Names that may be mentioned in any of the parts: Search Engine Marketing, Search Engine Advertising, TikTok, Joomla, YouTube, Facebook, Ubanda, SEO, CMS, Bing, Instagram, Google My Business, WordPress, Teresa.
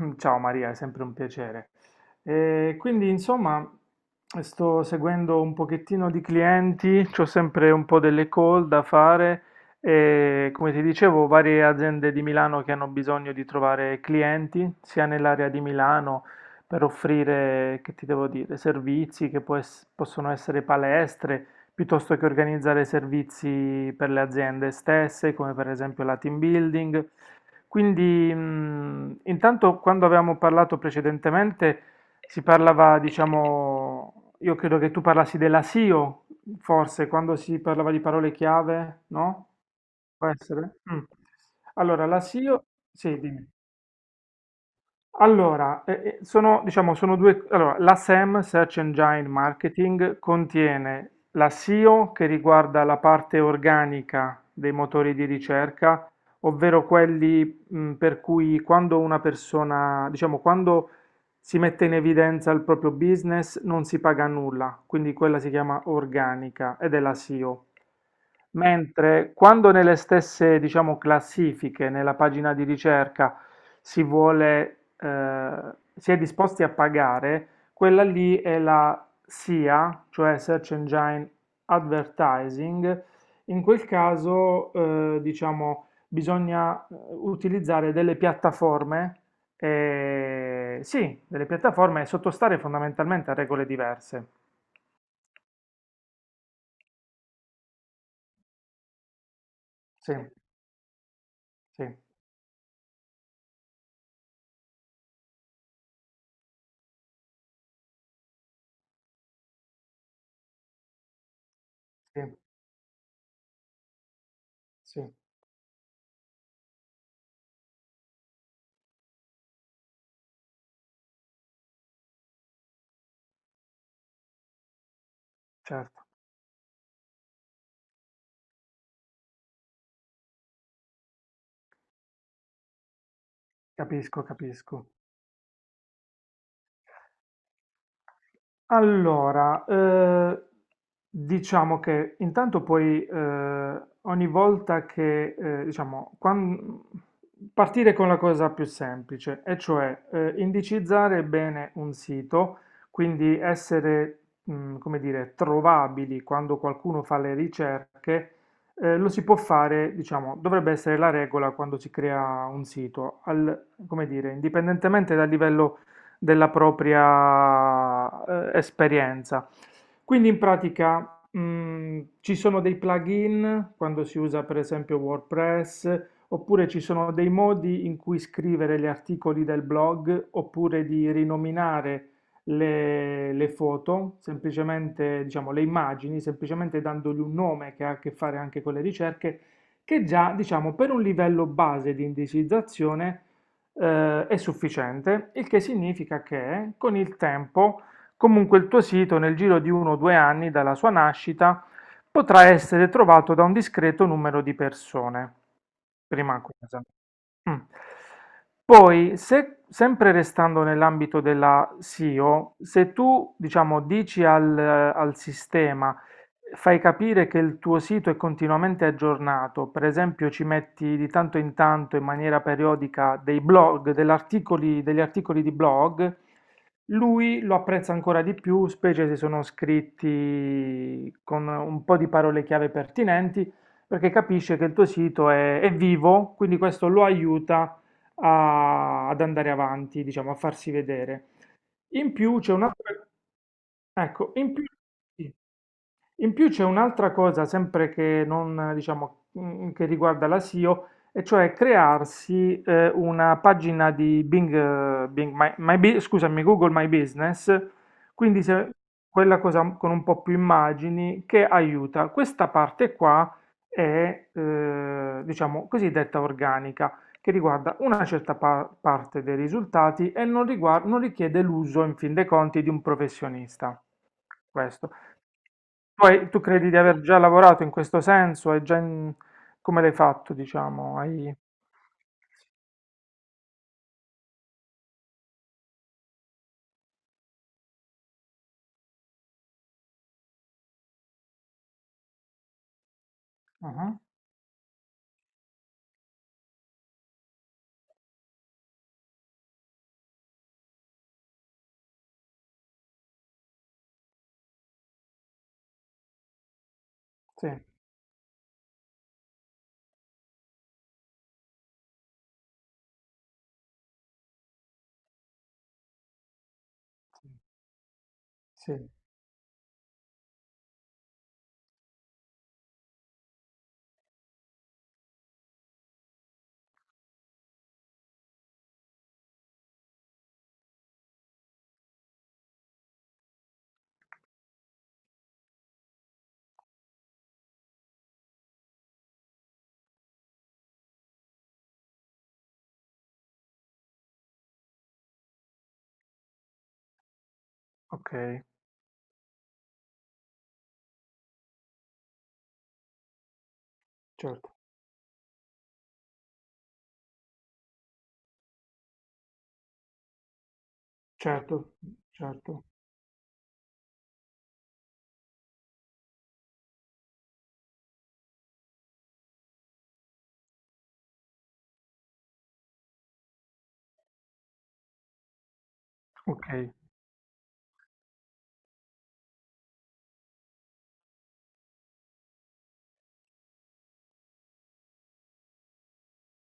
Mm, ciao Maria, è sempre un piacere. E quindi insomma sto seguendo un pochettino di clienti, ho sempre un po' delle call da fare e come ti dicevo varie aziende di Milano che hanno bisogno di trovare clienti, sia nell'area di Milano per offrire, che ti devo dire, servizi che possono essere palestre, piuttosto che organizzare servizi per le aziende stesse, come per esempio la team building. Quindi, intanto quando avevamo parlato precedentemente si parlava, diciamo, io credo che tu parlassi della SEO, forse, quando si parlava di parole chiave, no? Può essere? Mm. Allora, la SEO, sì, dimmi. Allora, sono, diciamo, sono due, allora, la SEM, Search Engine Marketing, contiene la SEO che riguarda la parte organica dei motori di ricerca, ovvero quelli, per cui quando una persona, diciamo, quando si mette in evidenza il proprio business, non si paga nulla, quindi quella si chiama organica ed è la SEO. Mentre quando nelle stesse, diciamo, classifiche, nella pagina di ricerca, si vuole, si è disposti a pagare, quella lì è la SEA, cioè Search Engine Advertising. In quel caso, diciamo, bisogna utilizzare delle piattaforme sì, delle piattaforme e sottostare fondamentalmente a regole diverse. Sì, sì, sì, sì, certo, capisco, capisco. Allora, diciamo che intanto poi ogni volta che, diciamo, partire con la cosa più semplice, e cioè indicizzare bene un sito, quindi essere, come dire, trovabili quando qualcuno fa le ricerche, lo si può fare, diciamo, dovrebbe essere la regola quando si crea un sito, al, come dire, indipendentemente dal livello della propria esperienza. Quindi in pratica ci sono dei plugin quando si usa per esempio WordPress, oppure ci sono dei modi in cui scrivere gli articoli del blog, oppure di rinominare le foto, semplicemente diciamo le immagini, semplicemente dandogli un nome che ha a che fare anche con le ricerche, che già diciamo per un livello base di indicizzazione è sufficiente, il che significa che con il tempo comunque il tuo sito nel giro di 1 o 2 anni dalla sua nascita potrà essere trovato da un discreto numero di persone. Prima cosa. Mm. Poi, se, sempre restando nell'ambito della SEO, se tu, diciamo, dici al, al sistema, fai capire che il tuo sito è continuamente aggiornato, per esempio ci metti di tanto in tanto in maniera periodica dei blog, degli articoli di blog, lui lo apprezza ancora di più, specie se sono scritti con un po' di parole chiave pertinenti perché capisce che il tuo sito è vivo, quindi questo lo aiuta ad andare avanti, diciamo, a farsi vedere. In più c'è un'altra. Ecco, in più. Sì. In più c'è un'altra cosa, sempre che, non, diciamo, che riguarda la SEO, e O, e cioè crearsi una pagina di Bing, scusami, Google My Business, quindi quella cosa con un po' più immagini che aiuta. Questa parte qua è, diciamo, cosiddetta organica, che riguarda una certa parte dei risultati e non richiede l'uso, in fin dei conti, di un professionista. Questo. Poi tu credi di aver già lavorato in questo senso? Hai già in-. Come l'hai fatto, diciamo? Hai. Ah, sì, sì, sì, ok, certo, certo, certo, ok,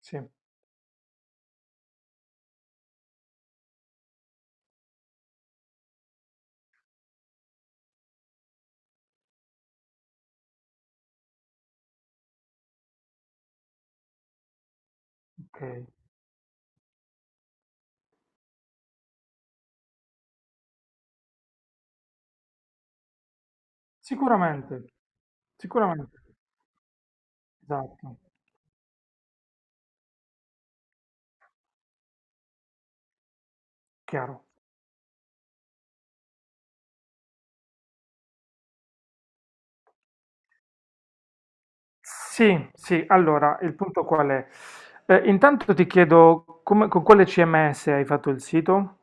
sì, ok. Sicuramente, sicuramente, esatto, chiaro. Sì, sì, allora, il punto qual è? Intanto ti chiedo con quale CMS hai fatto il sito?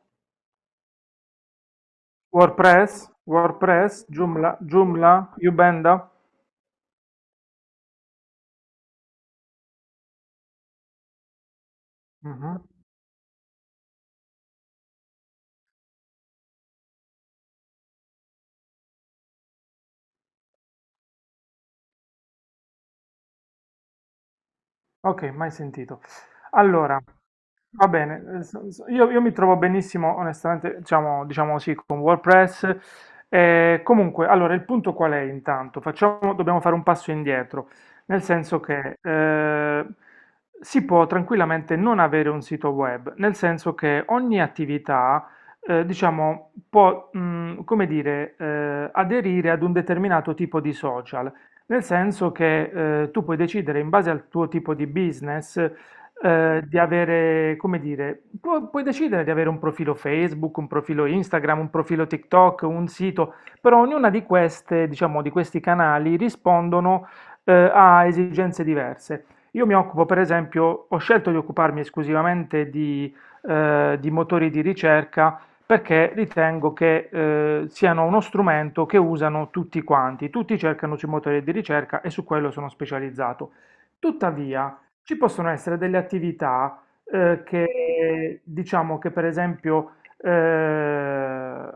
WordPress, WordPress, Joomla, Joomla, Ubanda? Mhm. Ok, mai sentito. Allora, va bene, io mi trovo benissimo, onestamente, diciamo, diciamo sì, con WordPress. Comunque, allora, il punto qual è intanto? Facciamo, dobbiamo fare un passo indietro, nel senso che si può tranquillamente non avere un sito web, nel senso che ogni attività, diciamo, può, come dire, aderire ad un determinato tipo di social, nel senso che tu puoi decidere in base al tuo tipo di business di avere, come dire, puoi decidere di avere un profilo Facebook, un profilo Instagram, un profilo TikTok, un sito, però ognuna di queste, diciamo, di questi canali rispondono, a esigenze diverse. Io mi occupo, per esempio, ho scelto di occuparmi esclusivamente di motori di ricerca perché ritengo che siano uno strumento che usano tutti quanti, tutti cercano sui motori di ricerca e su quello sono specializzato. Tuttavia, ci possono essere delle attività che diciamo che per esempio eh,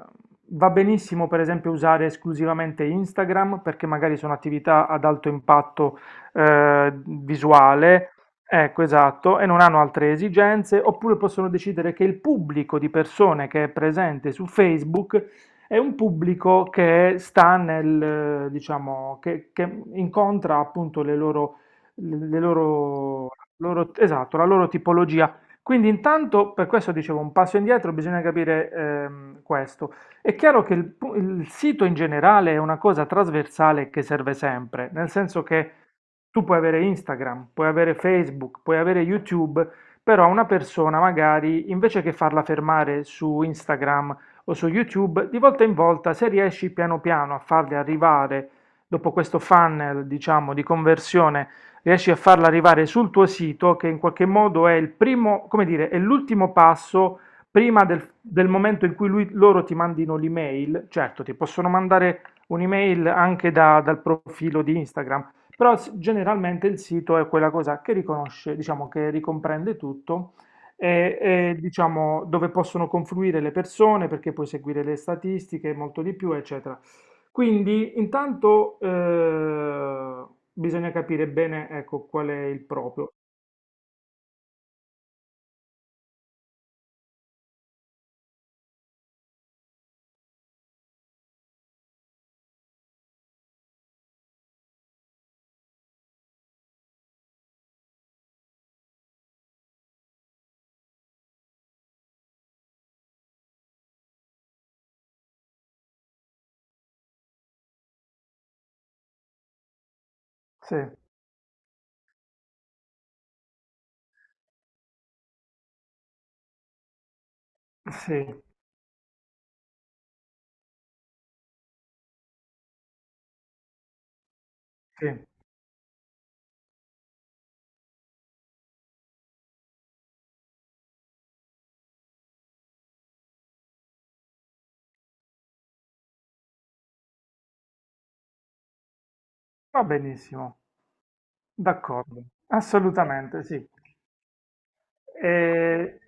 va benissimo per esempio usare esclusivamente Instagram perché magari sono attività ad alto impatto visuale, ecco esatto, e non hanno altre esigenze, oppure possono decidere che il pubblico di persone che è presente su Facebook è un pubblico che sta nel, diciamo, che incontra appunto le loro le loro, esatto, la loro tipologia. Quindi intanto, per questo dicevo, un passo indietro, bisogna capire questo. È chiaro che il, il sito in generale è una cosa trasversale che serve sempre, nel senso che tu puoi avere Instagram, puoi avere Facebook, puoi avere YouTube, però una persona magari, invece che farla fermare su Instagram o su YouTube, di volta in volta, se riesci piano piano a farli arrivare dopo questo funnel, diciamo, di conversione, riesci a farla arrivare sul tuo sito, che in qualche modo è il primo, come dire, è l'ultimo passo prima del momento in cui loro ti mandino l'email. Certo, ti possono mandare un'email anche dal profilo di Instagram, però generalmente il sito è quella cosa che riconosce, diciamo, che ricomprende tutto. E diciamo dove possono confluire le persone perché puoi seguire le statistiche, molto di più, eccetera. Quindi intanto bisogna capire bene ecco, qual è il proprio. Sì, sì, sì, va benissimo, d'accordo, assolutamente sì. Eh,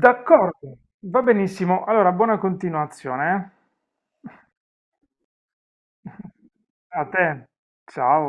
d'accordo, va benissimo. Allora, buona continuazione. eh. A te, ciao.